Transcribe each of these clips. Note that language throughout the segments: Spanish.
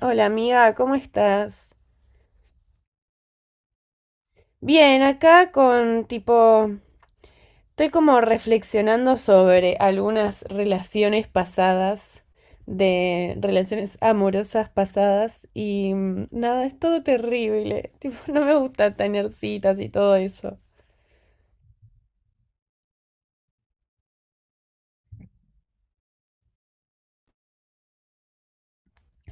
Hola amiga, ¿cómo estás? Bien, acá con tipo, estoy como reflexionando sobre algunas relaciones pasadas, de relaciones amorosas pasadas y nada, es todo terrible, tipo, no me gusta tener citas y todo eso.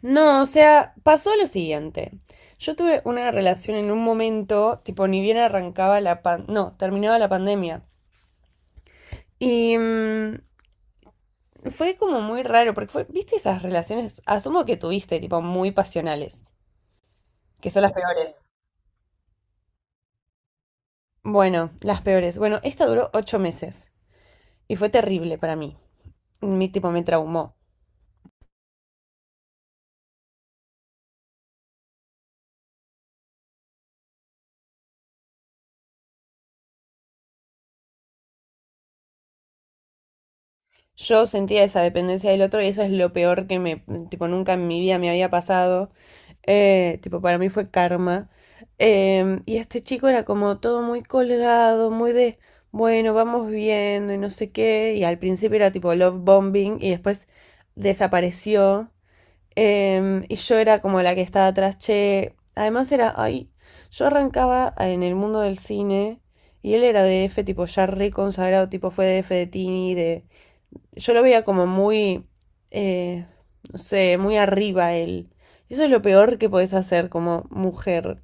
No, o sea, pasó lo siguiente. Yo tuve una relación en un momento, tipo, ni bien arrancaba la pan, no, terminaba la pandemia. Y fue como muy raro, porque fue, ¿viste esas relaciones? Asumo que tuviste, tipo, muy pasionales, que son las peores. Bueno, las peores. Bueno, esta duró 8 meses y fue terrible para mí. Mi tipo me traumó. Yo sentía esa dependencia del otro y eso es lo peor que me, tipo, nunca en mi vida me había pasado. Tipo, para mí fue karma. Y este chico era como todo muy colgado, muy de, bueno, vamos viendo y no sé qué. Y al principio era tipo love bombing y después desapareció. Y yo era como la que estaba atrás, che. Además era, ay, yo arrancaba en el mundo del cine y él era de DF, tipo ya re consagrado, tipo fue DF de Tini, de... Yo lo veía como muy, eh, no sé, muy arriba él. Y eso es lo peor que podés hacer como mujer.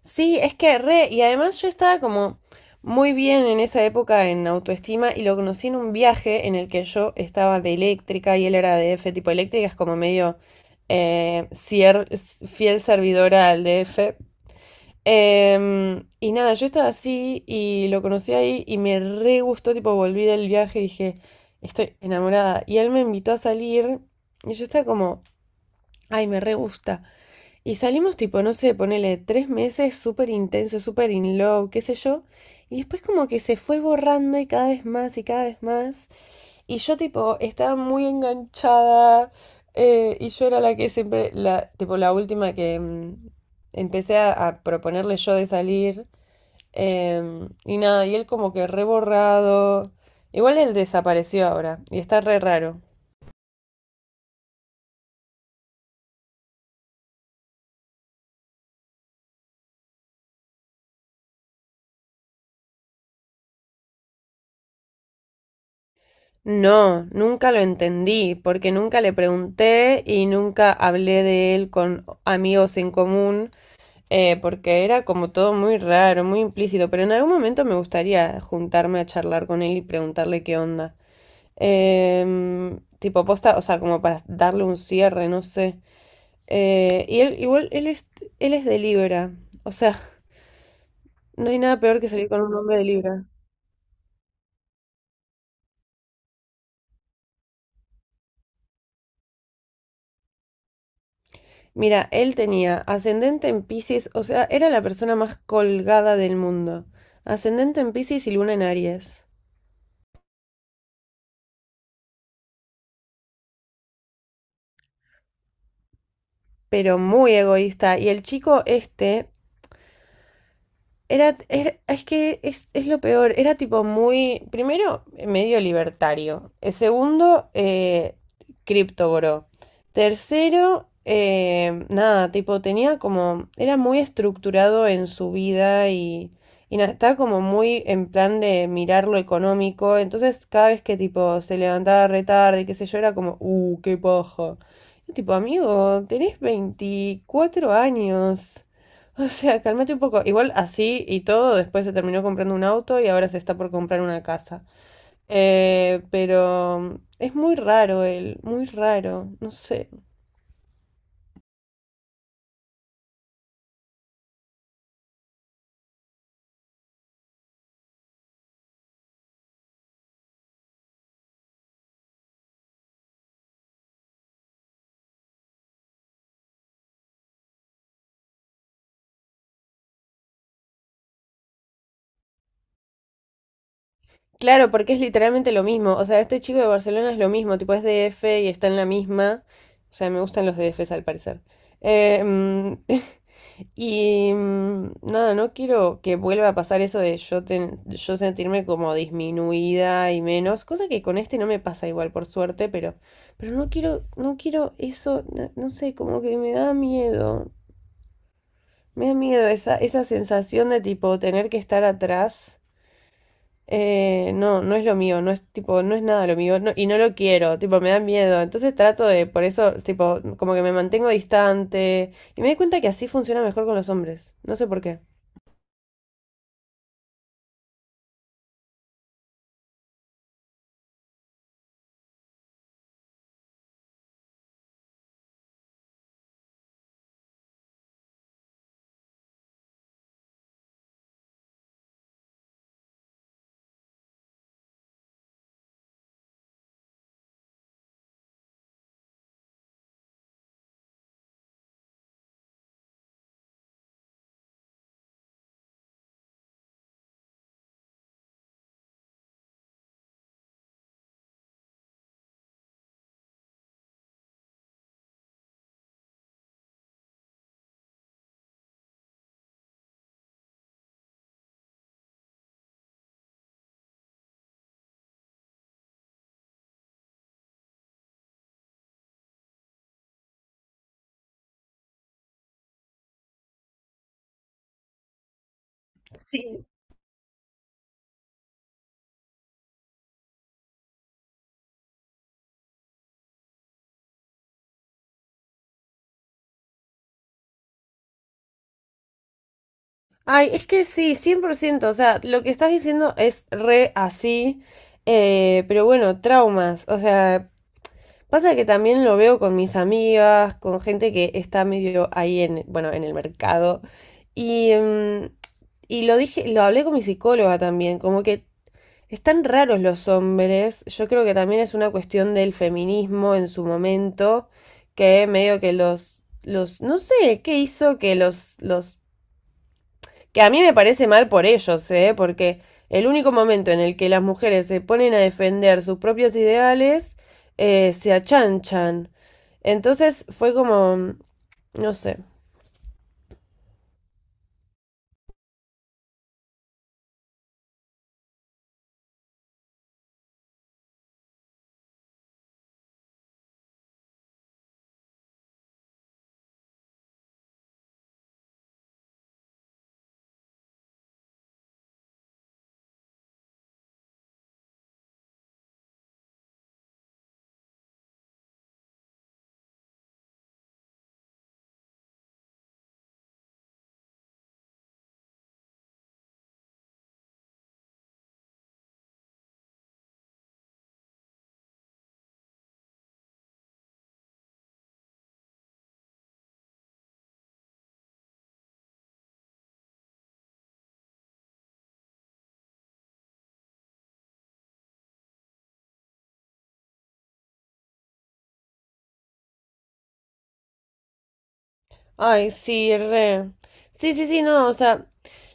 Sí, es que re, y además yo estaba como muy bien en esa época en autoestima y lo conocí en un viaje en el que yo estaba de eléctrica y él era de D F, tipo eléctrica es como medio eh, cier- fiel servidora al DF. Y nada, yo estaba así y lo conocí ahí y me re gustó, tipo volví del viaje y dije, estoy enamorada. Y él me invitó a salir y yo estaba como, ay, me re gusta. Y salimos tipo, no sé, ponele 3 meses súper intenso, súper in love, qué sé yo. Y después como que se fue borrando y cada vez más y cada vez más. Y yo tipo estaba muy enganchada. Y yo era la que siempre, la, tipo la última que empecé a proponerle yo de salir. Y nada, y él como que reborrado. Igual él desapareció ahora. Y está re raro. No, nunca lo entendí, porque nunca le pregunté y nunca hablé de él con amigos en común, porque era como todo muy raro, muy implícito, pero en algún momento me gustaría juntarme a charlar con él y preguntarle qué onda. Tipo posta, o sea, como para darle un cierre, no sé. Y él, igual, él es de Libra, o sea, no hay nada peor que salir con un hombre de Libra. Mira, él tenía ascendente en Piscis, o sea, era la persona más colgada del mundo. Ascendente en Piscis y luna en Aries. Pero muy egoísta. Y el chico este es que es lo peor, era tipo muy, primero, medio libertario. Segundo, criptogoró. Tercero, nada, tipo tenía como, era muy estructurado en su vida y nada, estaba como muy en plan de mirar lo económico, entonces cada vez que tipo se levantaba re tarde, qué sé yo, era como, qué paja. Yo, tipo, amigo, tenés 24 años. O sea, cálmate un poco. Igual así y todo, después se terminó comprando un auto y ahora se está por comprar una casa. Pero es muy raro él, muy raro, no sé. Claro, porque es literalmente lo mismo. O sea, este chico de Barcelona es lo mismo, tipo es D F y está en la misma. O sea, me gustan los DFs al parecer. Eh, mm, Y nada, no quiero que vuelva a pasar eso de yo, yo sentirme como disminuida y menos, cosa que con este no me pasa igual, por suerte, pero no quiero, no quiero eso, no, no sé, como que me da miedo esa, esa sensación de tipo tener que estar atrás. No, no es lo mío, no es tipo, no es nada lo mío, y no lo quiero, tipo, me da miedo. Entonces trato de, por eso, tipo, como que me mantengo distante. Y me doy cuenta que así funciona mejor con los hombres. No sé por qué. Sí. Ay, es que sí, 100%, o sea, lo que estás diciendo es re así, pero bueno, traumas, o sea, pasa que también lo veo con mis amigas, con gente que está medio ahí en, bueno, en el mercado, y, mm, y lo dije, lo hablé con mi psicóloga también, como que están raros los hombres, yo creo que también es una cuestión del feminismo en su momento, que medio que los, no sé, qué hizo que los que a mí me parece mal por ellos, ¿eh? Porque el único momento en el que las mujeres se ponen a defender sus propios ideales, se achanchan. Entonces fue como, no sé. Ay, sí, re. Sí, sí, sí, no, o sea,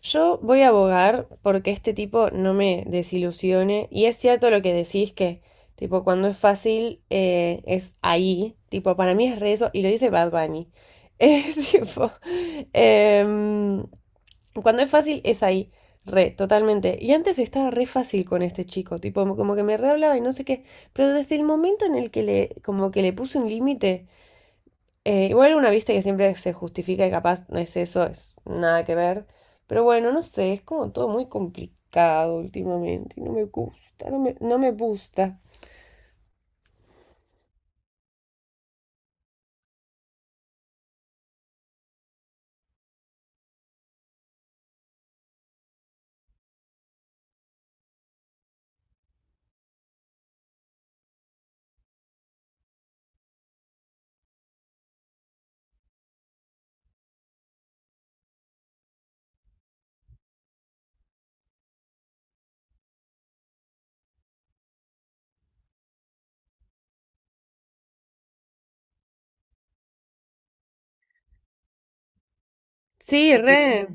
yo voy a abogar porque este tipo no me desilusione. Y es cierto lo que decís que, tipo, cuando es fácil, es ahí. Tipo, para mí es re eso. Y lo dice Bad Bunny. Es tipo. em, Cuando es fácil, es ahí. Re, totalmente. Y antes estaba re fácil con este chico, tipo, como que me re hablaba y no sé qué. Pero desde el momento en el que le, como que le puse un límite, igual una vista que siempre se justifica y capaz no es eso, es nada que ver. Pero bueno, no sé, es como todo muy complicado últimamente. Y no me gusta, no me gusta. Sí, re.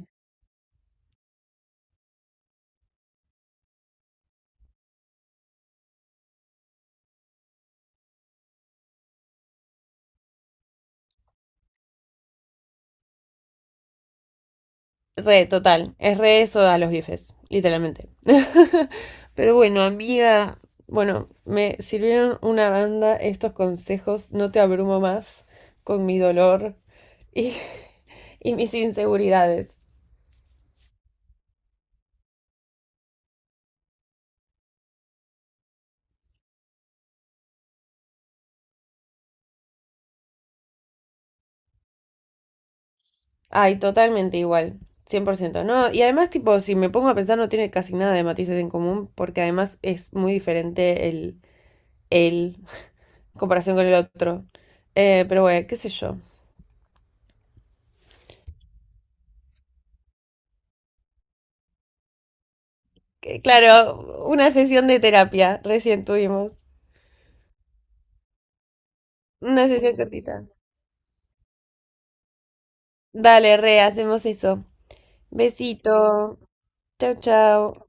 Re, total. Es re eso a los bifes, literalmente. Pero bueno, amiga, bueno, me sirvieron una banda estos consejos. No te abrumo más con mi dolor y, y mis inseguridades. Ay, totalmente igual. 100%, ¿no? Y además, tipo, si me pongo a pensar, no tiene casi nada de matices en común, porque además es muy diferente el en comparación con el otro. Pero bueno, qué sé yo. Claro, una sesión de terapia recién tuvimos. Una sesión cortita. Dale, re, hacemos eso. Besito. Chau, chau.